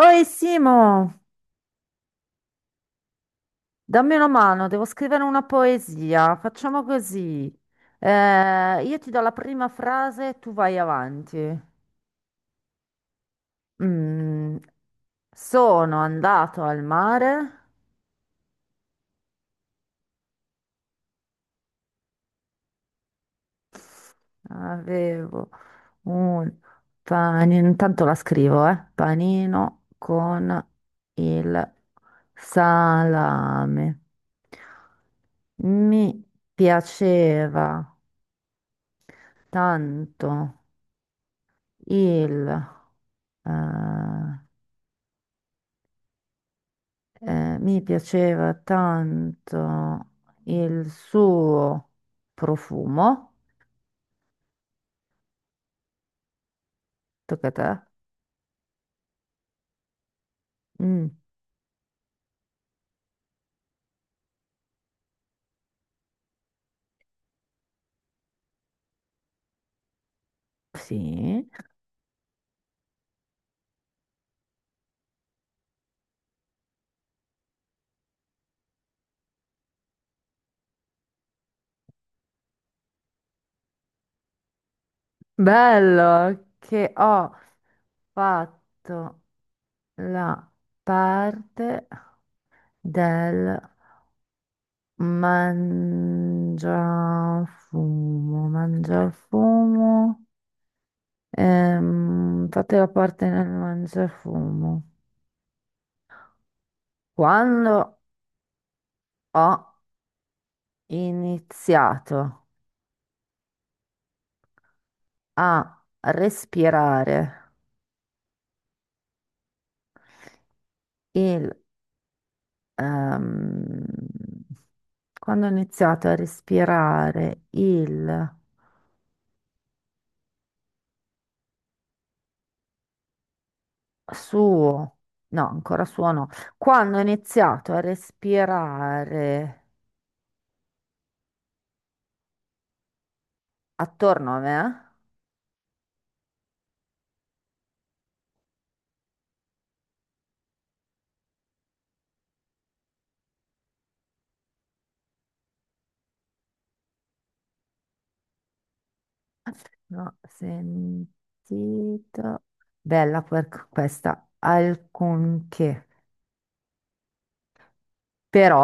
Oi Simo, dammi una mano, devo scrivere una poesia. Facciamo così. Io ti do la prima frase e tu vai avanti. Mm, sono andato al mare, avevo un panino, intanto la scrivo, eh? Panino con il salame. Mi piaceva tanto il Ah, mi piaceva tanto il suo profumo. Tocca a te. Mm, sì. Bello che ho fatto la parte del mangiafumo. Mangiafumo. Fate la parte nel mangiafumo. Quando ho iniziato a respirare il... ehm, quando ho iniziato a respirare il suo... No, ancora suo no. Quando ho iniziato a respirare attorno a me, l'ho sentito... Bella per questa, alcunché. Però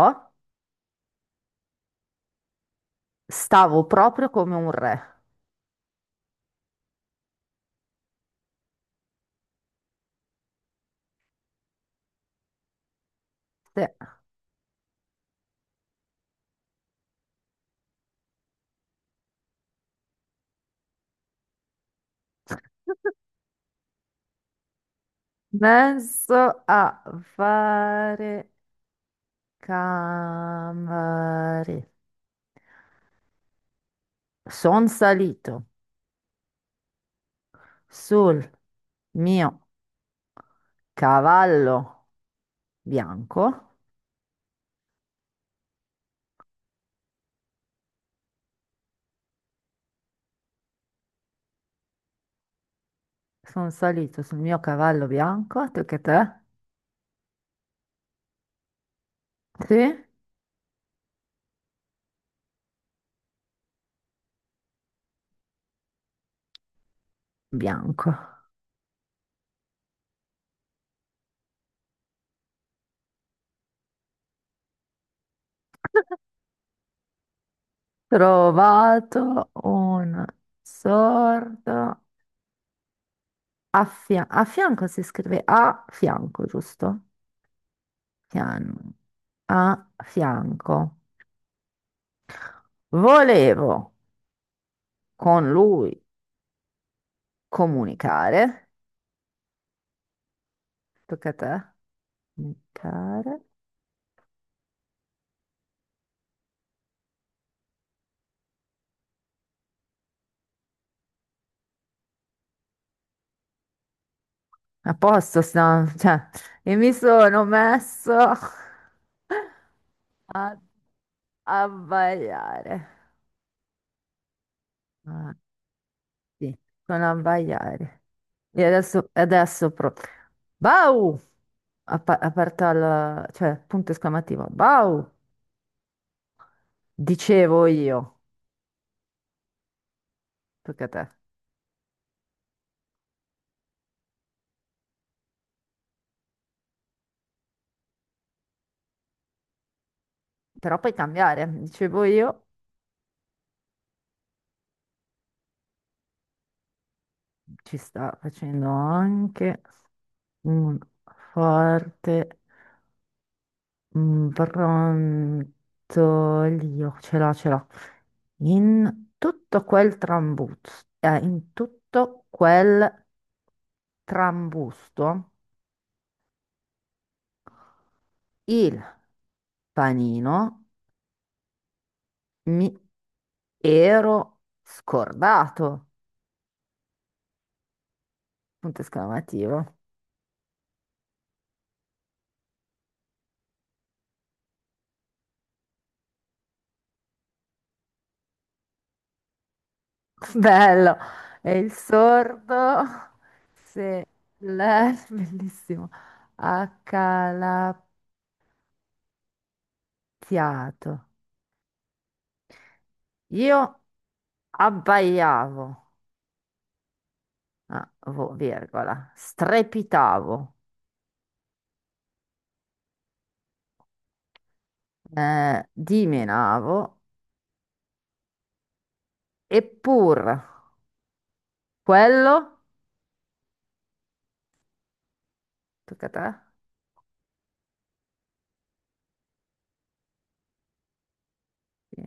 stavo proprio come un re. Sì. Penso a fare camere. Sono salito sul mio cavallo bianco. Sono salito sul mio cavallo bianco. Tu che te? Sì, bianco. Trovato un sordo a fianco. Si scrive a fianco, giusto? Fian- A fianco. Volevo con lui comunicare. Tocca a te. Comunicare. A posto, cioè, e mi sono messo a abbagliare. Ah, sì, sono abbagliare. E adesso pro. Bau! Aperta la... cioè, punto esclamativo. Bau! Dicevo io. Tocca a te. Però puoi cambiare. Dicevo io. Ci sta facendo anche un forte brontolio. Ce l'ho, ce l'ho. In tutto quel trambusto, in tutto quel trambusto, il panino mi ero scordato. Punto esclamativo. Bello. E il sordo se l'è bellissimo accalappiato. Io abbaiavo, ah, virgola, strepitavo, dimenavo, eppur quello, tocca a te. Sì.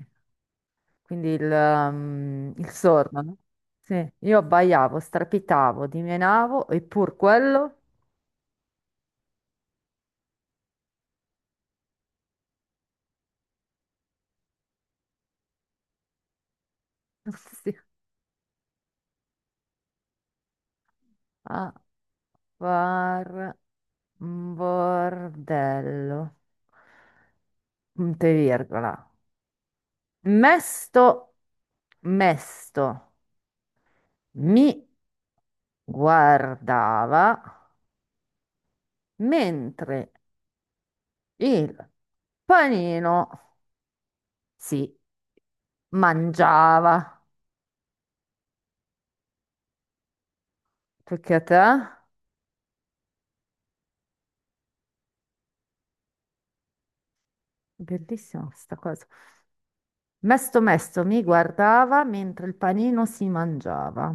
Quindi il, il sordo, no? Sì, io abbaiavo, strepitavo, dimenavo, eppur quello, sì, a var, bordello, punto e virgola, mesto, mesto, mi guardava mentre il panino si mangiava. Perché a te? Bellissima questa cosa. Mesto mesto mi guardava mentre il panino si mangiava.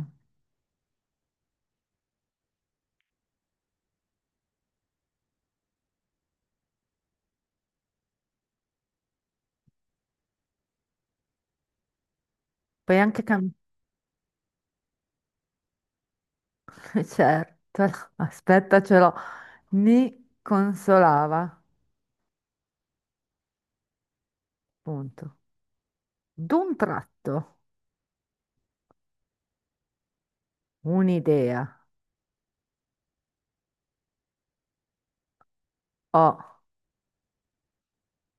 Puoi anche cambiare, certo. Aspetta, ce l'ho. Mi consolava. Punto. D'un tratto, un'idea ho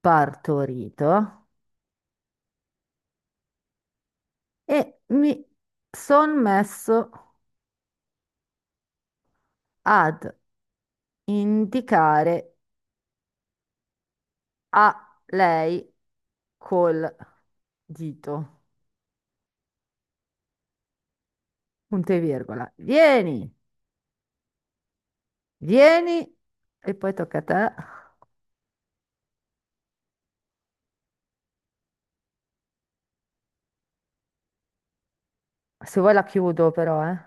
partorito e mi son messo ad indicare a lei col dito. Punto e virgola. Vieni, vieni e poi tocca a te. Se vuoi la chiudo però, eh.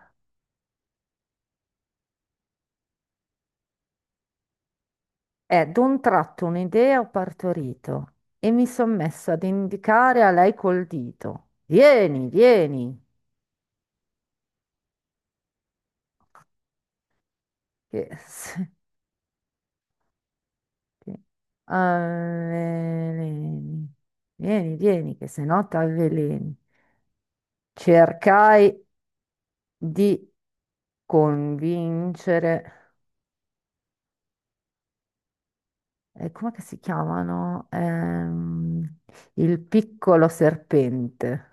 È d'un tratto un'idea ho partorito e mi son messo ad indicare a lei col dito. Vieni, vieni. Che... che- avveleni. Vieni, vieni, che se no t'avveleni. Cercai di convincere, com'è che si chiamano? Il piccolo serpente.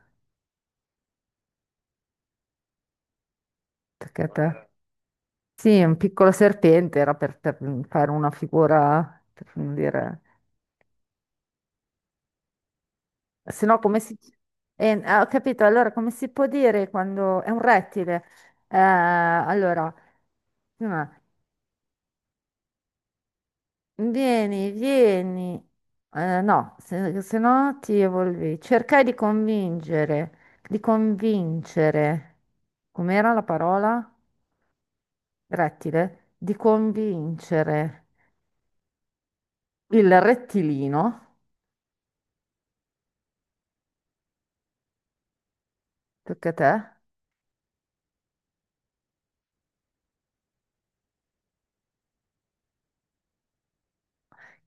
Tocca a te. Sì, un piccolo serpente era per fare una figura, per non dire... Se no, come si... ah, ho capito, allora come si può dire quando... È un rettile. Allora... Vieni, vieni. No, se no ti evolvi. Cercai di convincere, di convincere. Com'era la parola? Rettile. Di convincere il rettilino, tocca a te,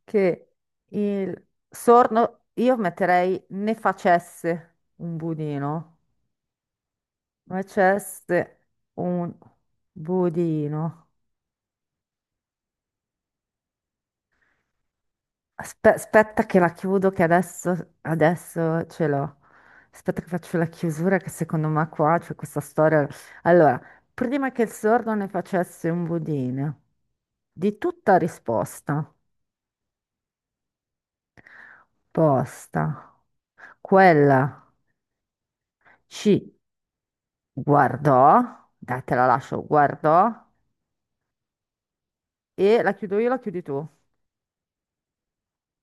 che il sorno, io metterei ne facesse un budino, facesse un budino. Aspetta che la chiudo, che adesso ce l'ho. Aspetta che faccio la chiusura, che secondo me qua c'è questa storia. Allora, prima che il sordo ne facesse un budino, di tutta risposta, posta, quella ci guardò, dai, te la lascio, guardò, e la chiudo io, la chiudi tu.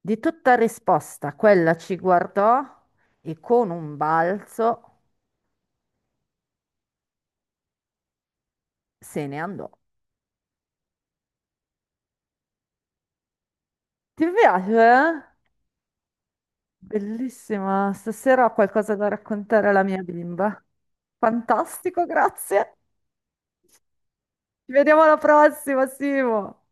Di tutta risposta, quella ci guardò e con un balzo se ne andò. Ti piace? Eh? Bellissima, stasera ho qualcosa da raccontare alla mia bimba. Fantastico, grazie. Ci vediamo alla prossima, Simo.